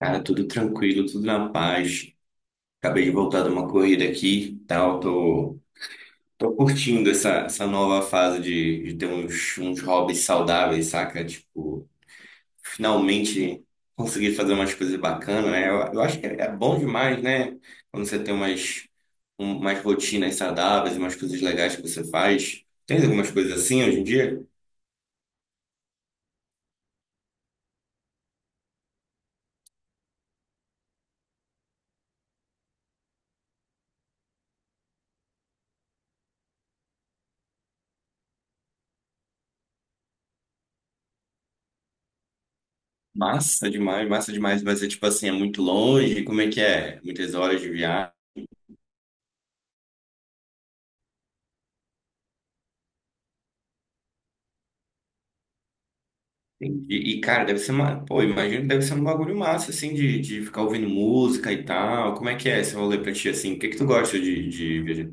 Cara, tudo tranquilo, tudo na paz. Acabei de voltar de uma corrida aqui, tal. Tô curtindo essa nova fase de ter uns hobbies saudáveis, saca? Tipo, finalmente conseguir fazer umas coisas bacanas, né? Eu acho que é bom demais, né? Quando você tem umas, umas rotinas saudáveis, umas coisas legais que você faz. Tem algumas coisas assim hoje em dia? Massa demais, massa demais. Vai ser tipo assim, é muito longe. Como é que é? Muitas horas de viagem. Entendi. E, cara, deve ser uma. Pô, imagino que deve ser um bagulho massa, assim, de ficar ouvindo música e tal. Como é que é esse rolê pra ti, assim? O que que tu gosta de viajar?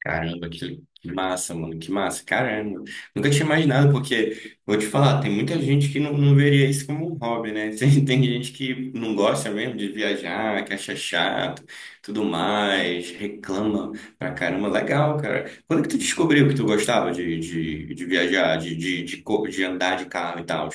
Caramba, que massa, mano, que massa, caramba. Nunca tinha imaginado, porque, vou te falar, tem muita gente que não veria isso como um hobby, né? Tem gente que não gosta mesmo de viajar, que acha chato, tudo mais, reclama pra caramba. Legal, cara. Quando que tu descobriu que tu gostava de viajar, de andar de carro e tal?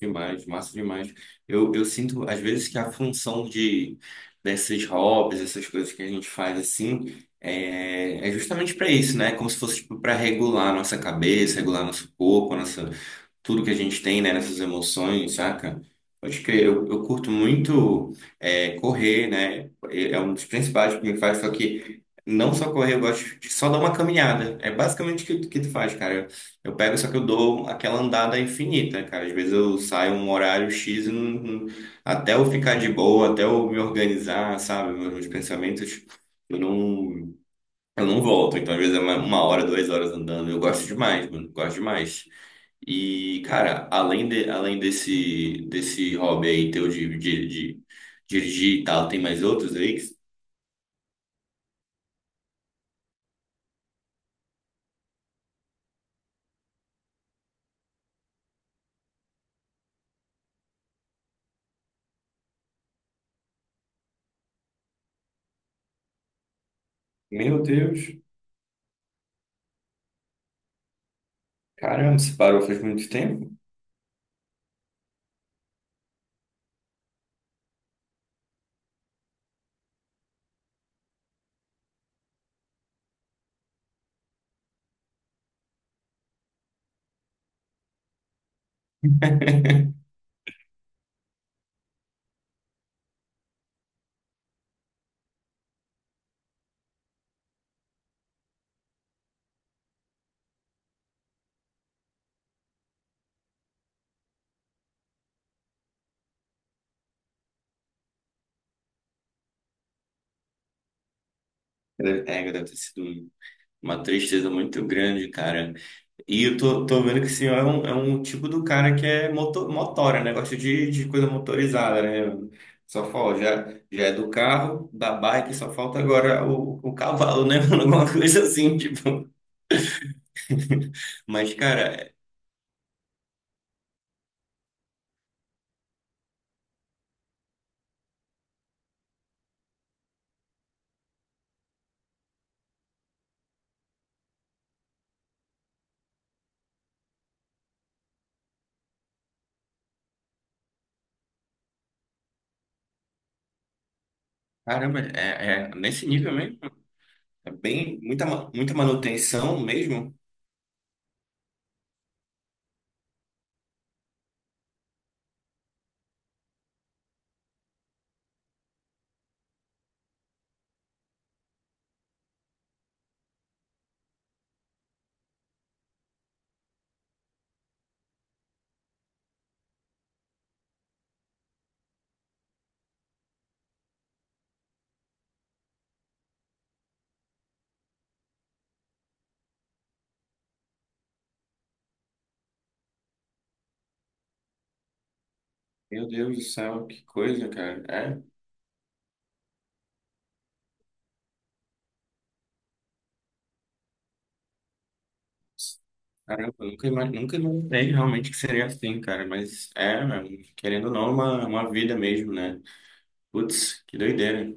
Demais, massa demais. Eu sinto, às vezes, que a função de desses hobbies, essas coisas que a gente faz assim, é justamente para isso, né? Como se fosse tipo, para regular a nossa cabeça, regular nosso corpo, nossa tudo que a gente tem, né, nessas emoções, saca? Pode crer, eu curto muito é, correr, né? É um dos principais que me faz, só que não só correr, eu gosto de só dar uma caminhada. É basicamente o que, que tu faz, cara. Eu pego, só que eu dou aquela andada infinita, cara. Às vezes eu saio um horário X e até eu ficar de boa, até eu me organizar, sabe? Meus pensamentos, eu não, eu não volto. Então, às vezes é uma hora, duas horas andando. Eu gosto demais, mano. Gosto demais. E, cara, além desse, desse hobby aí teu de dirigir e tal, tem mais outros aí? Meu Deus, caramba, você parou faz muito tempo? Deve ter sido uma tristeza muito grande, cara. E eu tô vendo que o senhor é é um tipo do cara que é motora, né? Gosta de coisa motorizada, né? Só falta, já é do carro, da bike, só falta agora o cavalo, né? Alguma coisa assim, tipo. Mas, cara, caramba, é nesse nível mesmo? É bem, muita manutenção mesmo? Meu Deus do céu, que coisa, cara. É, caramba, eu nunca, ima- nunca imaginei realmente que seria assim, cara. Mas é, mano, querendo ou não, é uma vida mesmo, né? Putz, que doideira.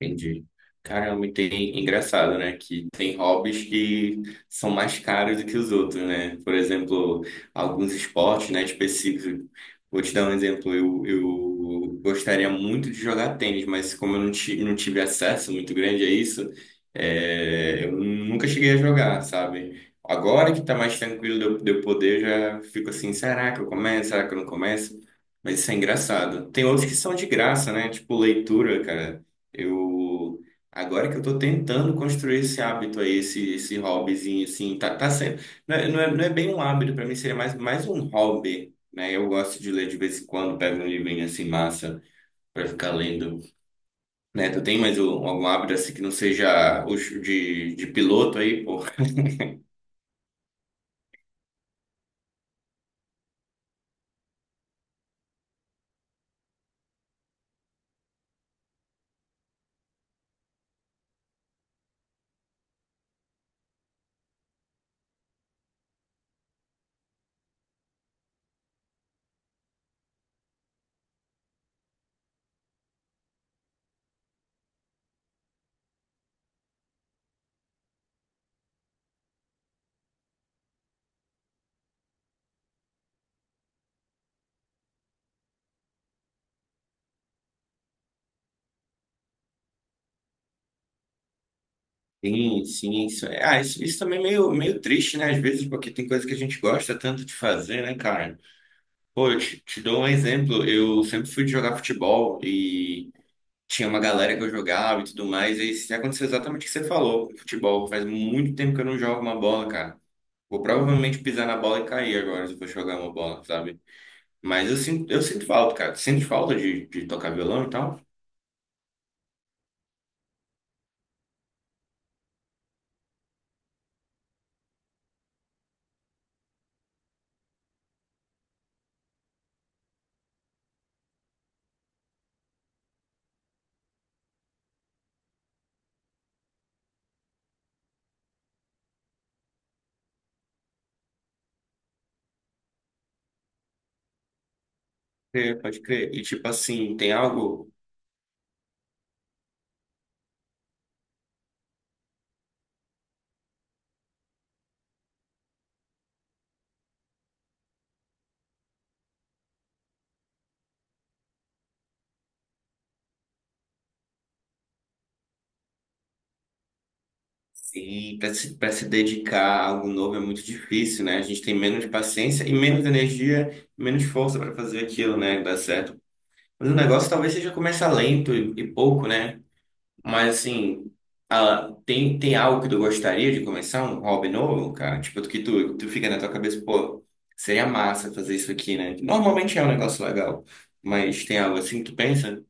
Entendi. Caramba, e tem engraçado, né? Que tem hobbies que são mais caros do que os outros, né? Por exemplo, alguns esportes, né, específicos. Vou te dar um exemplo. Eu gostaria muito de jogar tênis, mas como eu não tive acesso muito grande a isso, é, eu nunca cheguei a jogar, sabe? Agora que tá mais tranquilo de eu poder, eu já fico assim, será que eu começo? Será que eu não começo? Mas isso é engraçado. Tem outros que são de graça, né? Tipo leitura, cara. Eu agora que eu tô tentando construir esse hábito aí, esse hobbyzinho assim, tá, tá sendo, não é bem um hábito para mim, seria mais um hobby, né? Eu gosto de ler de vez em quando, pego um livrinho assim massa para ficar lendo, né? Tu tem mais algum hábito assim que não seja o de piloto aí, pô? Sim, sim, isso também é meio triste, né? Às vezes, porque tem coisa que a gente gosta tanto de fazer, né, cara? Pô, te dou um exemplo. Eu sempre fui de jogar futebol e tinha uma galera que eu jogava e tudo mais, e aí aconteceu exatamente o que você falou com futebol. Faz muito tempo que eu não jogo uma bola, cara. Vou provavelmente pisar na bola e cair agora se eu for jogar uma bola, sabe? Mas eu sinto falta, cara. Sinto falta de tocar violão e tal. É, pode crer. E tipo assim, tem algo. Sim, pra se dedicar a algo novo é muito difícil, né? A gente tem menos paciência e menos energia, menos força para fazer aquilo, né? Dar certo. Mas o negócio talvez seja começar lento e pouco, né? Mas assim, ah, tem algo que tu gostaria de começar, um hobby novo, cara? Tipo, que tu fica na tua cabeça, pô, seria massa fazer isso aqui, né? Normalmente é um negócio legal, mas tem algo assim que tu pensa?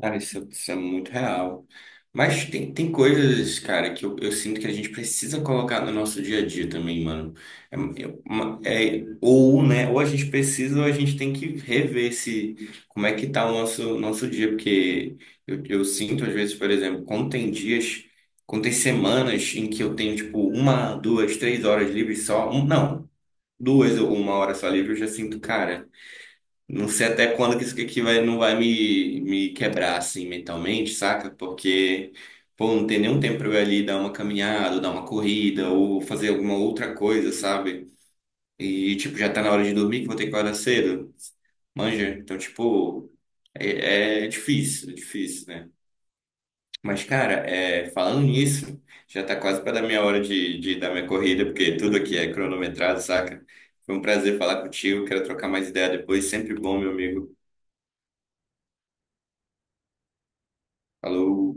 Cara, isso é muito real. Mas tem coisas, cara, que eu sinto que a gente precisa colocar no nosso dia a dia também, mano. Ou a gente precisa, ou a gente tem que rever se, como é que tá nosso dia. Porque eu sinto, às vezes, por exemplo, quando tem semanas em que eu tenho, tipo, uma, duas, três horas livres só. Um, não, duas ou uma hora só livre, eu já sinto, cara. Não sei até quando que isso aqui vai, não vai me quebrar assim mentalmente, saca? Porque, pô, não tem nenhum tempo pra eu ir ali dar uma caminhada, ou dar uma corrida, ou fazer alguma outra coisa, sabe? E, tipo, já tá na hora de dormir, que vou ter que acordar cedo. Manja? Então, tipo, é difícil, né? Mas, cara, é, falando nisso, já tá quase pra dar minha hora de dar minha corrida, porque tudo aqui é cronometrado, saca? Foi um prazer falar contigo, quero trocar mais ideia depois, sempre bom, meu amigo. Falou!